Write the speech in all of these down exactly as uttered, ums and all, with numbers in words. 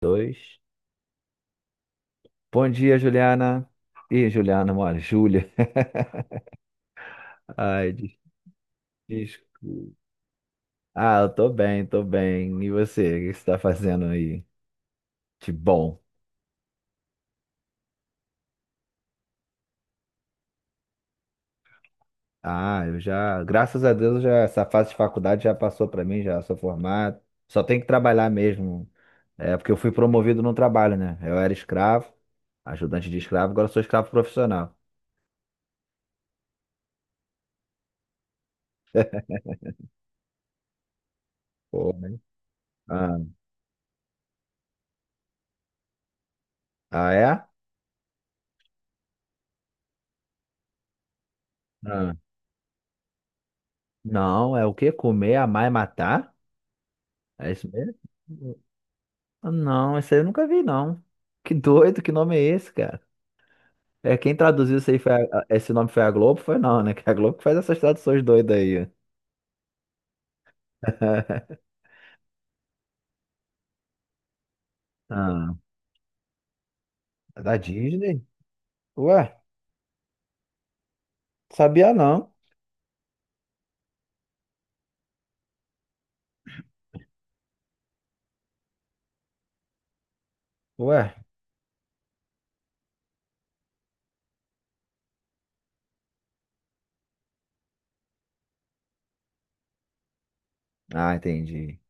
Dois. Bom dia, Juliana. Ih, Juliana, mano, Júlia. Ai, des- desculpa. Ah, eu tô bem, tô bem. E você, o que você tá fazendo aí de bom? Ah, eu já, graças a Deus, já essa fase de faculdade já passou pra mim, já sou formado. Só tenho que trabalhar mesmo. É porque eu fui promovido no trabalho, né? Eu era escravo, ajudante de escravo, agora eu sou escravo profissional. Pô, mas- Ah, ah, é? Ah. Não, é o quê? Comer, amar e matar? É isso mesmo? Ah, não, esse aí eu nunca vi, não. Que doido, que nome é esse, cara? É, quem traduziu isso aí foi a- a- esse nome foi a Globo? Foi não, né? Que é a Globo que faz essas traduções doidas aí. Ah, é da Disney? Ué, sabia não. Ué. Ah, entendi.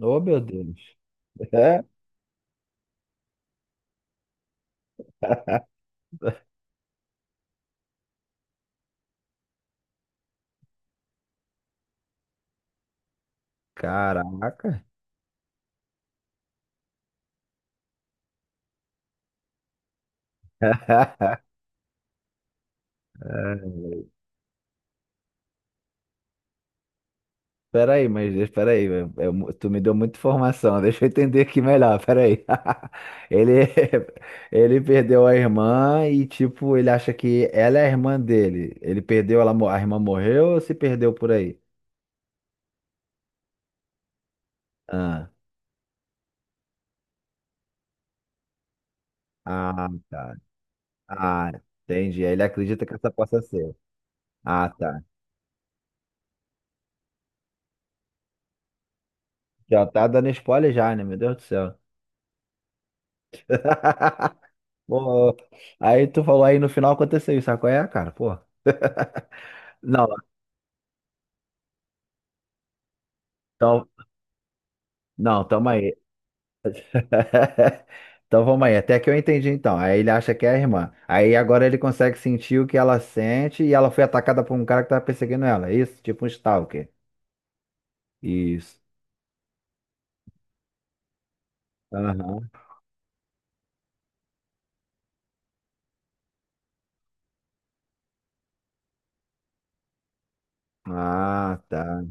Oh, meu Deus. É? Caraca. Pera aí, mas espera aí, eu- eu- tu me deu muita informação, deixa eu entender aqui melhor, pera aí. Ele, ele perdeu a irmã e, tipo, ele acha que ela é a irmã dele. Ele perdeu, ela, mo- a irmã morreu ou se perdeu por aí? Ah, ah, tá. Ah, entendi. Ele acredita que essa possa ser. Ah, tá. Já tá dando spoiler já, né? Meu Deus do céu. Pô, aí tu falou aí no final aconteceu isso, sabe qual é, cara? Pô. Não, então, não, tamo aí. Então vamos aí, até que eu entendi então. Aí ele acha que é a irmã. Aí agora ele consegue sentir o que ela sente e ela foi atacada por um cara que tava perseguindo ela. Isso, tipo um stalker. Isso. Aham. Ah, tá.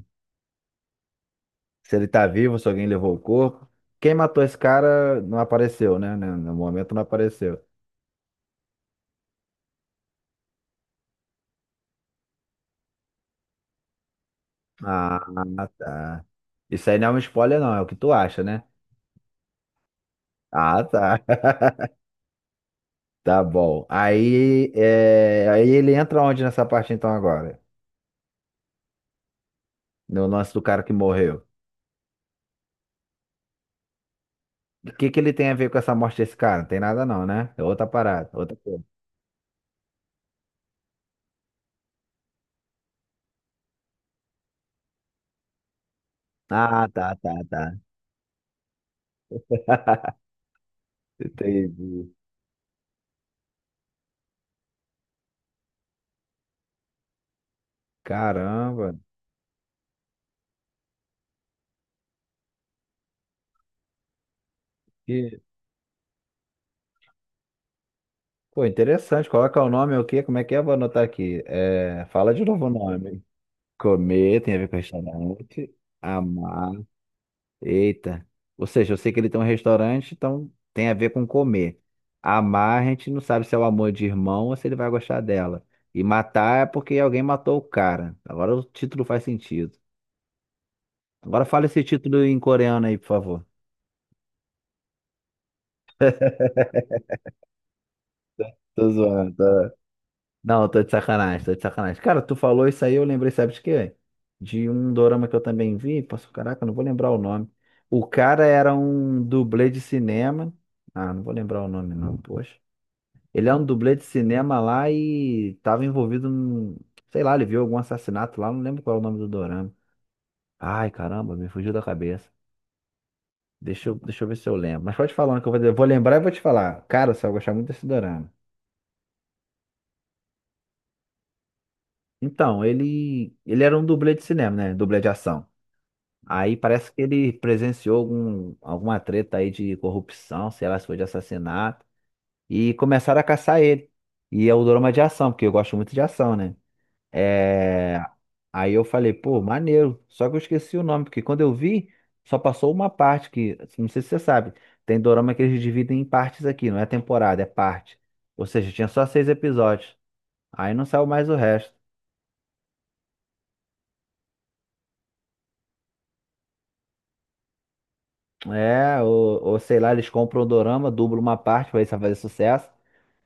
Se ele tá vivo, se alguém levou o corpo. Quem matou esse cara não apareceu, né? né, No momento não apareceu. Ah, tá. Isso aí não é um spoiler, não, é o que tu acha, né? Ah, tá. Tá bom. Aí, é, aí ele entra onde nessa parte então agora? No lance do cara que morreu. O que que ele tem a ver com essa morte desse cara? Não tem nada não, né? É outra parada, outra coisa. Ah, tá, tá, tá. Entendi. Caramba. Que... Pô, interessante. Coloca o nome, o quê? Como é que é? Vou anotar aqui. É... Fala de novo o nome. Comer tem a ver com restaurante. Amar. Eita. Ou seja, eu sei que ele tem um restaurante, então tem a ver com comer. Amar, a gente não sabe se é o amor de irmão ou se ele vai gostar dela. E matar é porque alguém matou o cara. Agora o título faz sentido. Agora fala esse título em coreano aí, por favor. Tô zoando, tá? Não, tô de sacanagem, tô de sacanagem. Cara, tu falou isso aí, eu lembrei, sabe de quê? De um dorama que eu também vi. Posso, caraca, não vou lembrar o nome. O cara era um dublê de cinema. Ah, não vou lembrar o nome, não, poxa. Ele é um dublê de cinema lá e tava envolvido num. Sei lá, ele viu algum assassinato lá, não lembro qual é o nome do dorama. Ai, caramba, me fugiu da cabeça. Deixa eu, deixa eu ver se eu lembro. Mas pode falar um que eu vou, eu vou lembrar e vou te falar. Cara, você vai gostar muito desse dorama. Então, ele, ele era um dublê de cinema, né? Dublê de ação. Aí parece que ele presenciou algum, alguma treta aí de corrupção, sei lá se foi de assassinato, e começaram a caçar ele. E é o drama de ação, porque eu gosto muito de ação, né? É... Aí eu falei, pô, maneiro. Só que eu esqueci o nome, porque quando eu vi, só passou uma parte que, não sei se você sabe, tem dorama que eles dividem em partes aqui, não é temporada, é parte. Ou seja, tinha só seis episódios. Aí não saiu mais o resto. É, ou, ou sei lá, eles compram o dorama, dublam uma parte pra ver se vai fazer sucesso.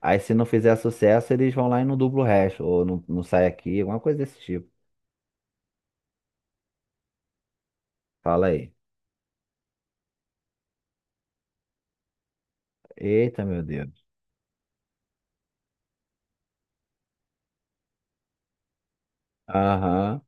Aí se não fizer sucesso, eles vão lá e não dublam o resto. Ou não, não sai aqui, alguma coisa desse tipo. Fala aí. Eita, meu Deus. Aham.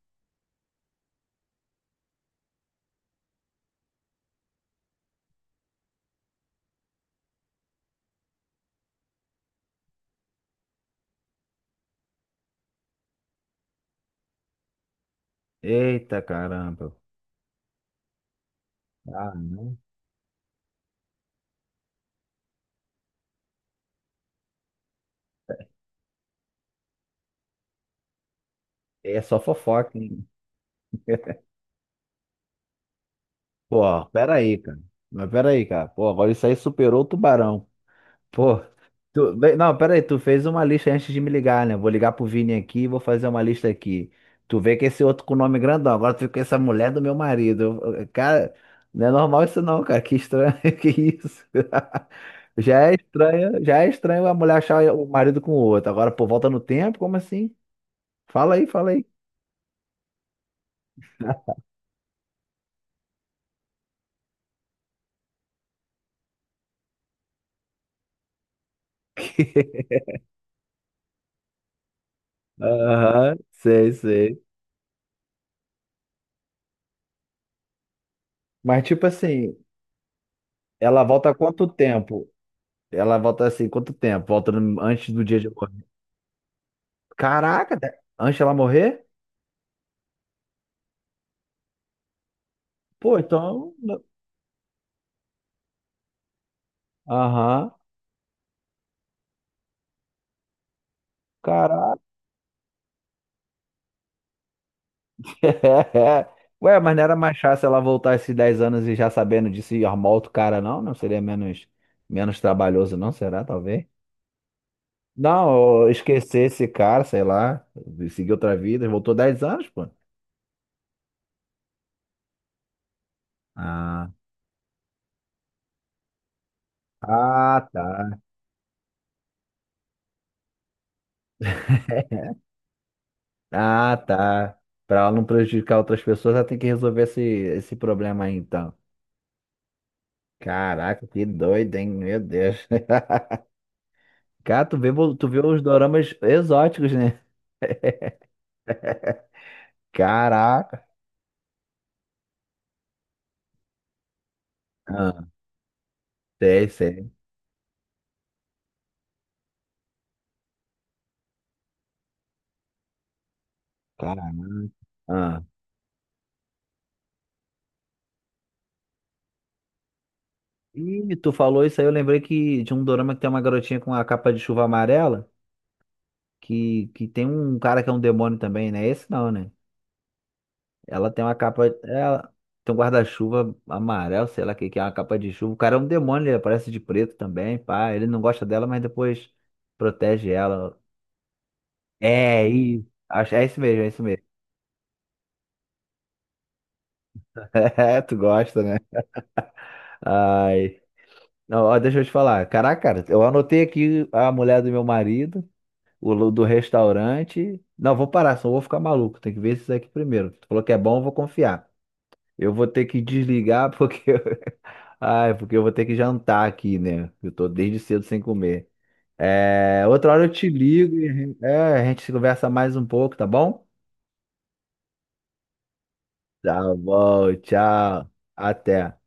Eita, caramba. Ah, não. É só fofoca, hein? Pô, peraí, cara. Mas peraí, cara. Pô, agora isso aí superou o tubarão. Pô, tu, bem, não, pera aí, tu fez uma lista antes de me ligar, né? Vou ligar pro Vini aqui e vou fazer uma lista aqui. Tu vê que esse outro com nome grandão, agora tu fica com essa mulher é do meu marido. Eu- eu- Cara, não é normal isso não, cara. Que estranho, que isso? Já é estranho, já é estranho a mulher achar o marido com o outro. Agora, pô, volta no tempo, como assim? Fala aí, fala aí. Aham, sei, sei. Mas tipo assim, ela volta quanto tempo? Ela volta assim, quanto tempo? Volta no- antes do dia de hoje? Caraca, de- antes ela morrer? Pô, então. n- Aham. Caraca. Ué, mas não era mais fácil ela voltar esses dez anos e já sabendo disso e arrumar outro cara, não? Não seria menos, menos trabalhoso, não? Será, talvez? Não, eu esqueci esse cara, sei lá. Seguiu outra vida, voltou dez anos, pô. Ah, ah, tá. Ah, tá. Pra ela não prejudicar outras pessoas, ela tem que resolver esse, esse problema aí, então. Caraca, que doido, hein? Meu Deus. Cara, tu vê, tu vê os doramas exóticos, né? Caraca. Ah, sei, sei. Caraca. Ah. E tu falou isso aí, eu lembrei que de um dorama que tem uma garotinha com a capa de chuva amarela, que, que tem um cara que é um demônio também, né? Esse não, né? Ela tem uma capa, ela tem um guarda-chuva amarelo, sei lá o que, que é uma capa de chuva. O cara é um demônio, ele aparece de preto também, pá. Ele não gosta dela, mas depois protege ela. É, e acho, é isso mesmo, é isso mesmo. É, tu gosta, né? Ai. Não, ó, deixa eu te falar. Caraca, cara, eu anotei aqui a mulher do meu marido, o lu- do restaurante. Não, vou parar, senão eu vou ficar maluco. Tem que ver isso aqui primeiro. Tu falou que é bom, eu vou confiar. Eu vou ter que desligar porque. Ai, porque eu vou ter que jantar aqui, né? Eu tô desde cedo sem comer. É, outra hora eu te ligo e a gente é, a gente conversa mais um pouco, tá bom? Tá bom, tchau. Até.